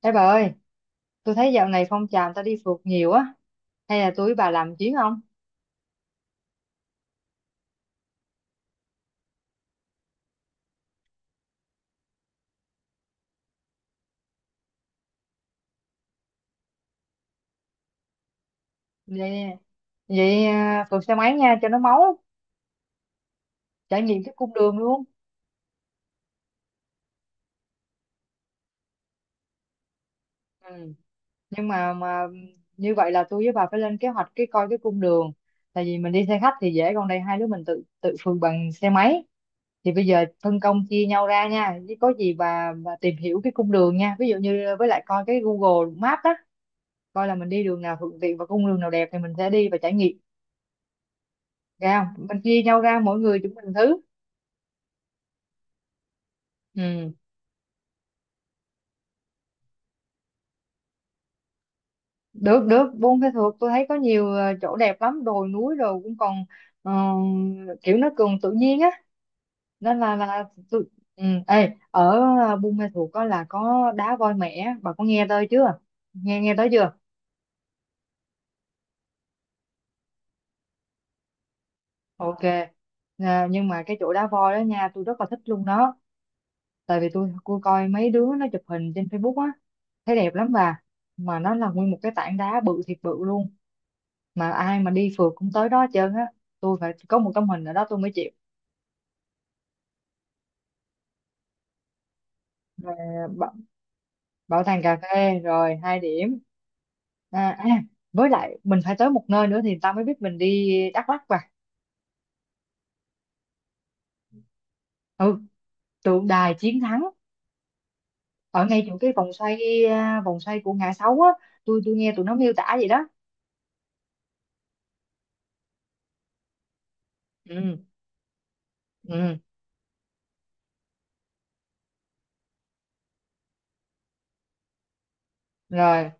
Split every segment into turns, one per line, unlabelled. Ê bà ơi, tôi thấy dạo này phong trào người ta đi phượt nhiều á, hay là tôi với bà làm chuyến không? Vậy, vậy à, phượt xe máy nha cho nó máu, trải nghiệm cái cung đường luôn. Ừ. Nhưng mà như vậy là tôi với bà phải lên kế hoạch cái coi cái cung đường. Tại vì mình đi xe khách thì dễ, còn đây hai đứa mình tự tự phượt bằng xe máy. Thì bây giờ phân công chia nhau ra nha, chứ có gì bà tìm hiểu cái cung đường nha. Ví dụ như với lại coi cái Google Maps á, coi là mình đi đường nào thuận tiện và cung đường nào đẹp thì mình sẽ đi và trải nghiệm. Ra không? Mình chia nhau ra mỗi người chúng mình thứ ừ. Được được Buôn Pê Thuột tôi thấy có nhiều chỗ đẹp lắm, đồi núi rồi cũng còn ờ, kiểu nó còn tự nhiên á, nên là tôi ừ. Ê, Buôn Mê Thuột có là có đá voi mẻ, bà có nghe tới chưa, nghe nghe tới chưa? Ok. À, nhưng mà cái chỗ đá voi đó nha tôi rất là thích luôn đó, tại vì tôi coi mấy đứa nó chụp hình trên Facebook á, thấy đẹp lắm bà, mà nó là nguyên một cái tảng đá bự thiệt bự luôn, mà ai mà đi phượt cũng tới đó hết trơn á, tôi phải có một tấm hình ở đó tôi mới chịu. Ờ, bảo, bảo tàng cà phê rồi hai điểm. à, à, với lại mình phải tới một nơi nữa thì tao mới biết mình đi Đắk Lắk và ừ, tượng đài chiến thắng ở ngay chỗ cái vòng xoay của ngã sáu á, tôi nghe tụi nó miêu tả vậy đó. Ừ. Ừ, rồi,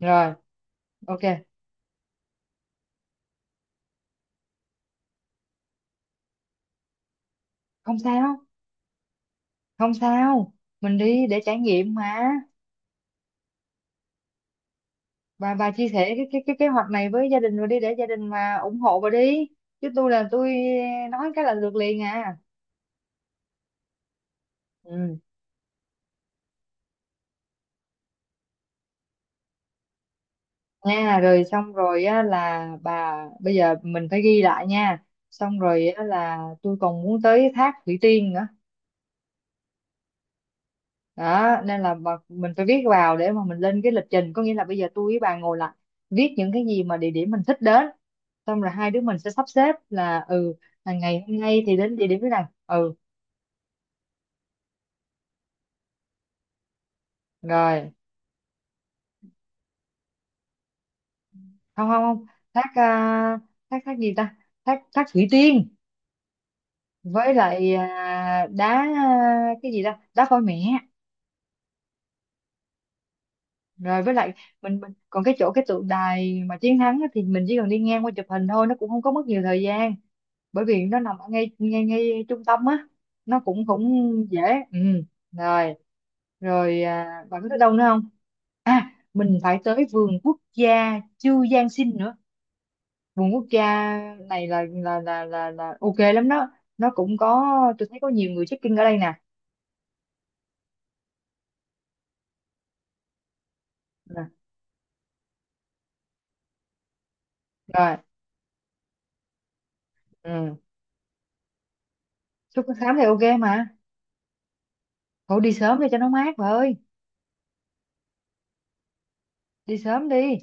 rồi, ok. Không sao, không sao, mình đi để trải nghiệm mà. Bà chia sẻ cái kế hoạch này với gia đình rồi đi để gia đình mà ủng hộ bà đi, chứ tôi là tôi nói cái là lượt liền à. Ừ. Nha rồi xong rồi á là bà, bây giờ mình phải ghi lại nha, xong rồi á là tôi còn muốn tới thác Thủy Tiên nữa đó, nên là bà, mình phải viết vào để mà mình lên cái lịch trình, có nghĩa là bây giờ tôi với bà ngồi lại viết những cái gì mà địa điểm mình thích đến, xong rồi hai đứa mình sẽ sắp xếp là ngày hôm nay thì đến địa điểm thế này. Ừ, rồi. Không, không, không, thác à, thác thác gì ta, thác thác Thủy Tiên. Với lại cái gì ta, đá voi mẹ. Rồi với lại mình còn cái chỗ cái tượng đài mà chiến thắng á, thì mình chỉ cần đi ngang qua chụp hình thôi, nó cũng không có mất nhiều thời gian, bởi vì nó nằm ở ngay ngay ngay trung tâm á, nó cũng cũng dễ. Ừ. Rồi, rồi, à, bạn có tới đâu nữa không? À, mình phải tới vườn quốc gia Chu Giang Sinh nữa, vườn quốc gia này là ok lắm đó, nó cũng có, tôi thấy có nhiều người check-in ở đây nè. Nè, rồi. Ừ. Xuất phát sớm thì ok mà, thôi đi sớm đi cho nó mát bà ơi, đi sớm đi,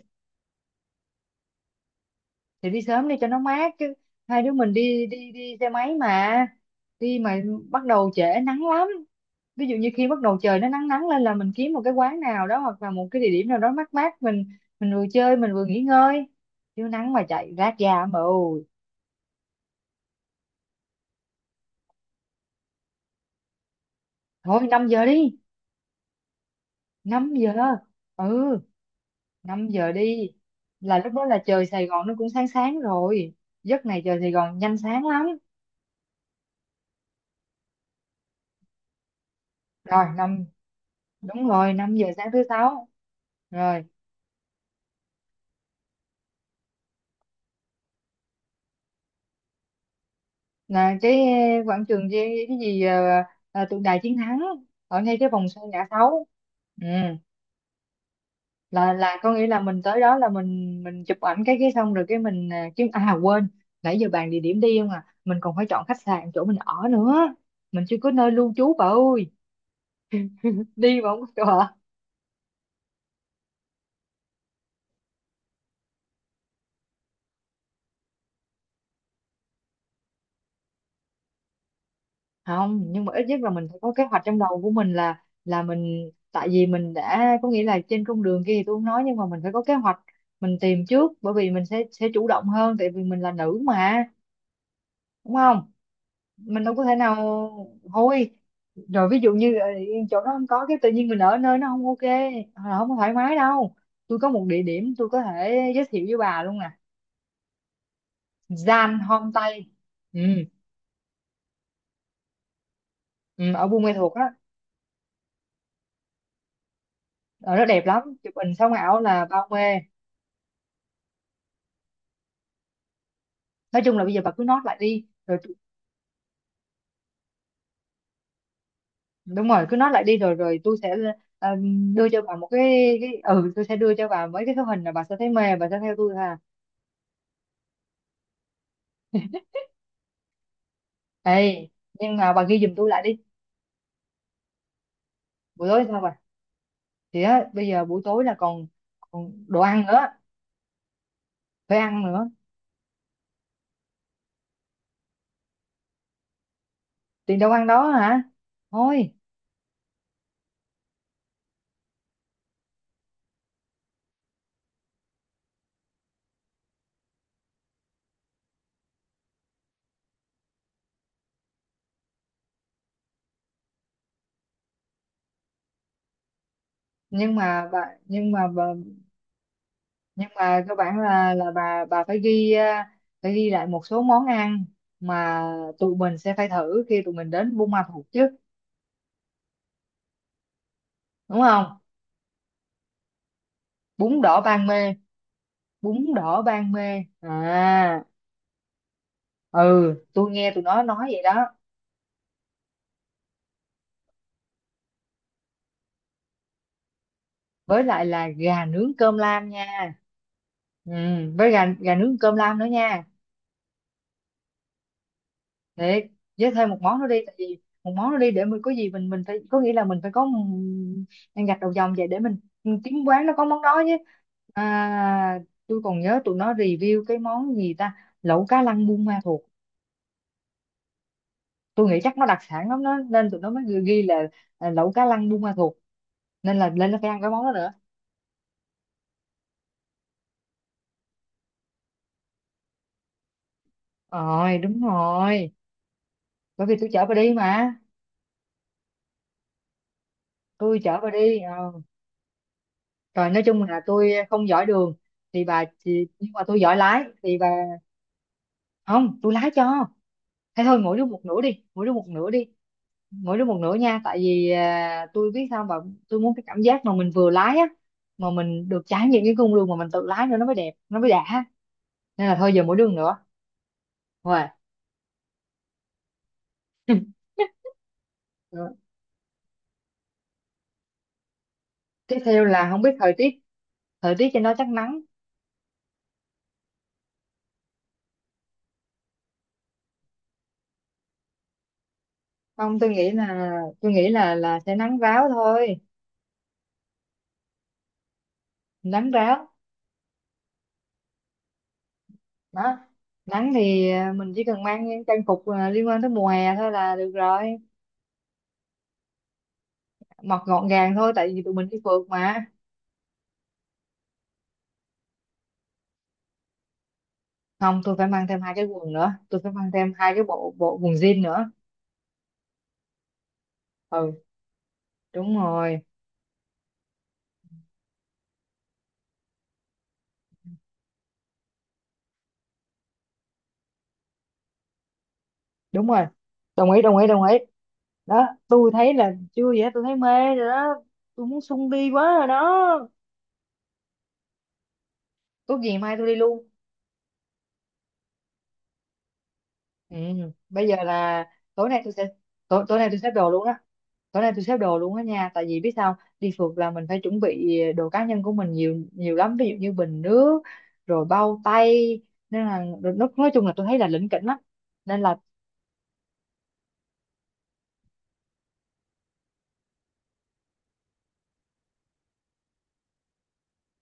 thì đi sớm đi cho nó mát chứ, hai đứa mình đi đi đi xe máy mà, đi mà bắt đầu trễ nắng lắm, ví dụ như khi bắt đầu trời nó nắng nắng lên là mình kiếm một cái quán nào đó hoặc là một cái địa điểm nào đó mát mát, mình vừa chơi mình vừa nghỉ ngơi, chứ nắng mà chạy rát da mà ôi. Thôi 5 giờ đi. 5 giờ. Ừ, 5 giờ đi. Là lúc đó là trời Sài Gòn nó cũng sáng sáng rồi, giấc này trời Sài Gòn nhanh sáng lắm. Rồi năm, đúng rồi, 5 giờ sáng thứ sáu. Rồi là cái quảng trường gì, cái gì tượng đài chiến thắng ở ngay cái vòng xoay ngã sáu. Ừ. Là có nghĩa là mình tới đó là mình chụp ảnh cái xong rồi cái mình, à chứ à quên, nãy giờ bàn địa điểm đi không à, mình còn phải chọn khách sạn chỗ mình ở nữa, mình chưa có nơi lưu trú bà ơi, đi mà không có chỗ ở. Không, nhưng mà ít nhất là mình phải có kế hoạch trong đầu của mình là mình, tại vì mình đã có nghĩa là trên con đường kia thì tôi không nói, nhưng mà mình phải có kế hoạch mình tìm trước, bởi vì mình sẽ chủ động hơn, tại vì mình là nữ mà, đúng không, mình đâu có thể nào hôi. Rồi ví dụ như chỗ đó không có cái tự nhiên, mình ở nơi nó không ok, hoặc là không có thoải mái đâu, tôi có một địa điểm tôi có thể giới thiệu với bà luôn nè: Gian Hôm Tây. Ừ, ừ, ở Buôn Ma Thuột đó, ở đó đẹp lắm, chụp hình sống ảo là bao mê. Nói chung là bây giờ bà cứ nốt lại đi rồi đúng rồi, cứ nốt lại đi rồi rồi tôi sẽ, ờ, đưa cho bà một cái ừ tôi sẽ đưa cho bà mấy cái số hình là bà sẽ thấy mê, bà sẽ theo tôi ha. Ê, nhưng mà bà ghi giùm tôi lại đi, buổi tối sao bà, thì á bây giờ buổi tối là còn, còn đồ ăn nữa, phải ăn nữa, tiền đâu ăn đó hả, thôi. Nhưng mà bà nhưng mà bà nhưng mà cơ bản là bà phải ghi lại một số món ăn mà tụi mình sẽ phải thử khi tụi mình đến Buôn Ma Thuột chứ, đúng không? Bún đỏ Ban Mê. Bún đỏ Ban Mê à? Ừ, tôi nghe tụi nó nói vậy đó. Với lại là gà nướng cơm lam nha. Ừ, với gà gà nướng cơm lam nữa nha. Thiệt, với thêm một món nữa đi, tại vì một món nữa đi để mình có gì mình phải có nghĩa là mình phải có ăn gạch đầu dòng vậy để mình kiếm quán nó có món đó chứ. À, tôi còn nhớ tụi nó review cái món gì ta, lẩu cá lăng Buôn Ma Thuột, tôi nghĩ chắc nó đặc sản lắm đó nên tụi nó mới ghi ghi là à, lẩu cá lăng Buôn Ma Thuột, nên là lên nó phải ăn cái món đó nữa. Rồi, đúng rồi, bởi vì tôi chở bà đi mà, tôi chở bà đi ờ. Rồi nói chung là tôi không giỏi đường thì bà, thì nhưng mà tôi giỏi lái thì bà, không tôi lái cho. Thế thôi mỗi đứa một nửa đi, mỗi đứa một nửa đi, mỗi đứa một nửa nha. Tại vì à, tôi biết sao mà tôi muốn cái cảm giác mà mình vừa lái á, mà mình được trải nghiệm cái cung đường mà mình tự lái nữa nó mới đẹp, nó mới đã. Nên là thôi giờ mỗi đứa một nửa. Rồi. Ừ. Tiếp theo là không biết thời tiết trên đó chắc nắng. Không, tôi nghĩ là tôi nghĩ là sẽ nắng ráo thôi, nắng ráo. Đó. Nắng thì à, mình chỉ cần mang những trang phục à, liên quan tới mùa hè thôi là được rồi, mặc gọn gàng thôi tại vì tụi mình đi phượt mà. Không tôi phải mang thêm hai cái quần nữa, tôi phải mang thêm hai cái bộ bộ quần jean nữa. Ừ, đúng rồi, đúng rồi, đồng ý đồng ý đồng ý. Đó, tôi thấy là chưa vậy tôi thấy mê rồi đó, tôi muốn sung đi quá rồi đó, tốt gì mai tôi đi luôn. Ừ. Bây giờ là tối nay tôi sẽ, tối nay tôi xếp đồ luôn á, tối nay tôi xếp đồ luôn á nha, tại vì biết sao đi phượt là mình phải chuẩn bị đồ cá nhân của mình nhiều nhiều lắm, ví dụ như bình nước rồi bao tay, nên là nói chung là tôi thấy là lỉnh kỉnh lắm nên là.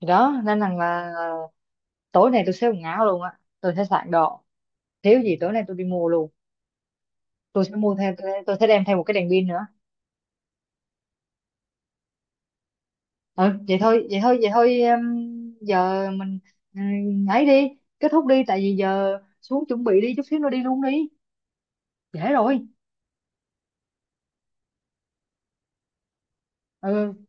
Thì đó nên rằng là tối nay tôi sẽ quần áo luôn á, tôi sẽ soạn đồ, thiếu gì tối nay tôi đi mua luôn, tôi sẽ mua thêm tôi sẽ đem theo một cái đèn pin nữa. Ừ, vậy thôi vậy thôi vậy thôi em, giờ mình ấy đi, kết thúc đi tại vì giờ xuống chuẩn bị đi chút xíu nữa đi luôn đi, trễ rồi. Ừ.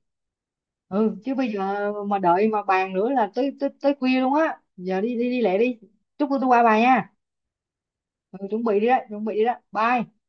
Ừ, chứ bây giờ mà đợi mà bàn nữa là tới tới tới khuya luôn á, giờ đi đi đi lẹ đi. Chút nữa tôi qua bà nha. Ừ, chuẩn bị đi đó chuẩn bị đi đó bye.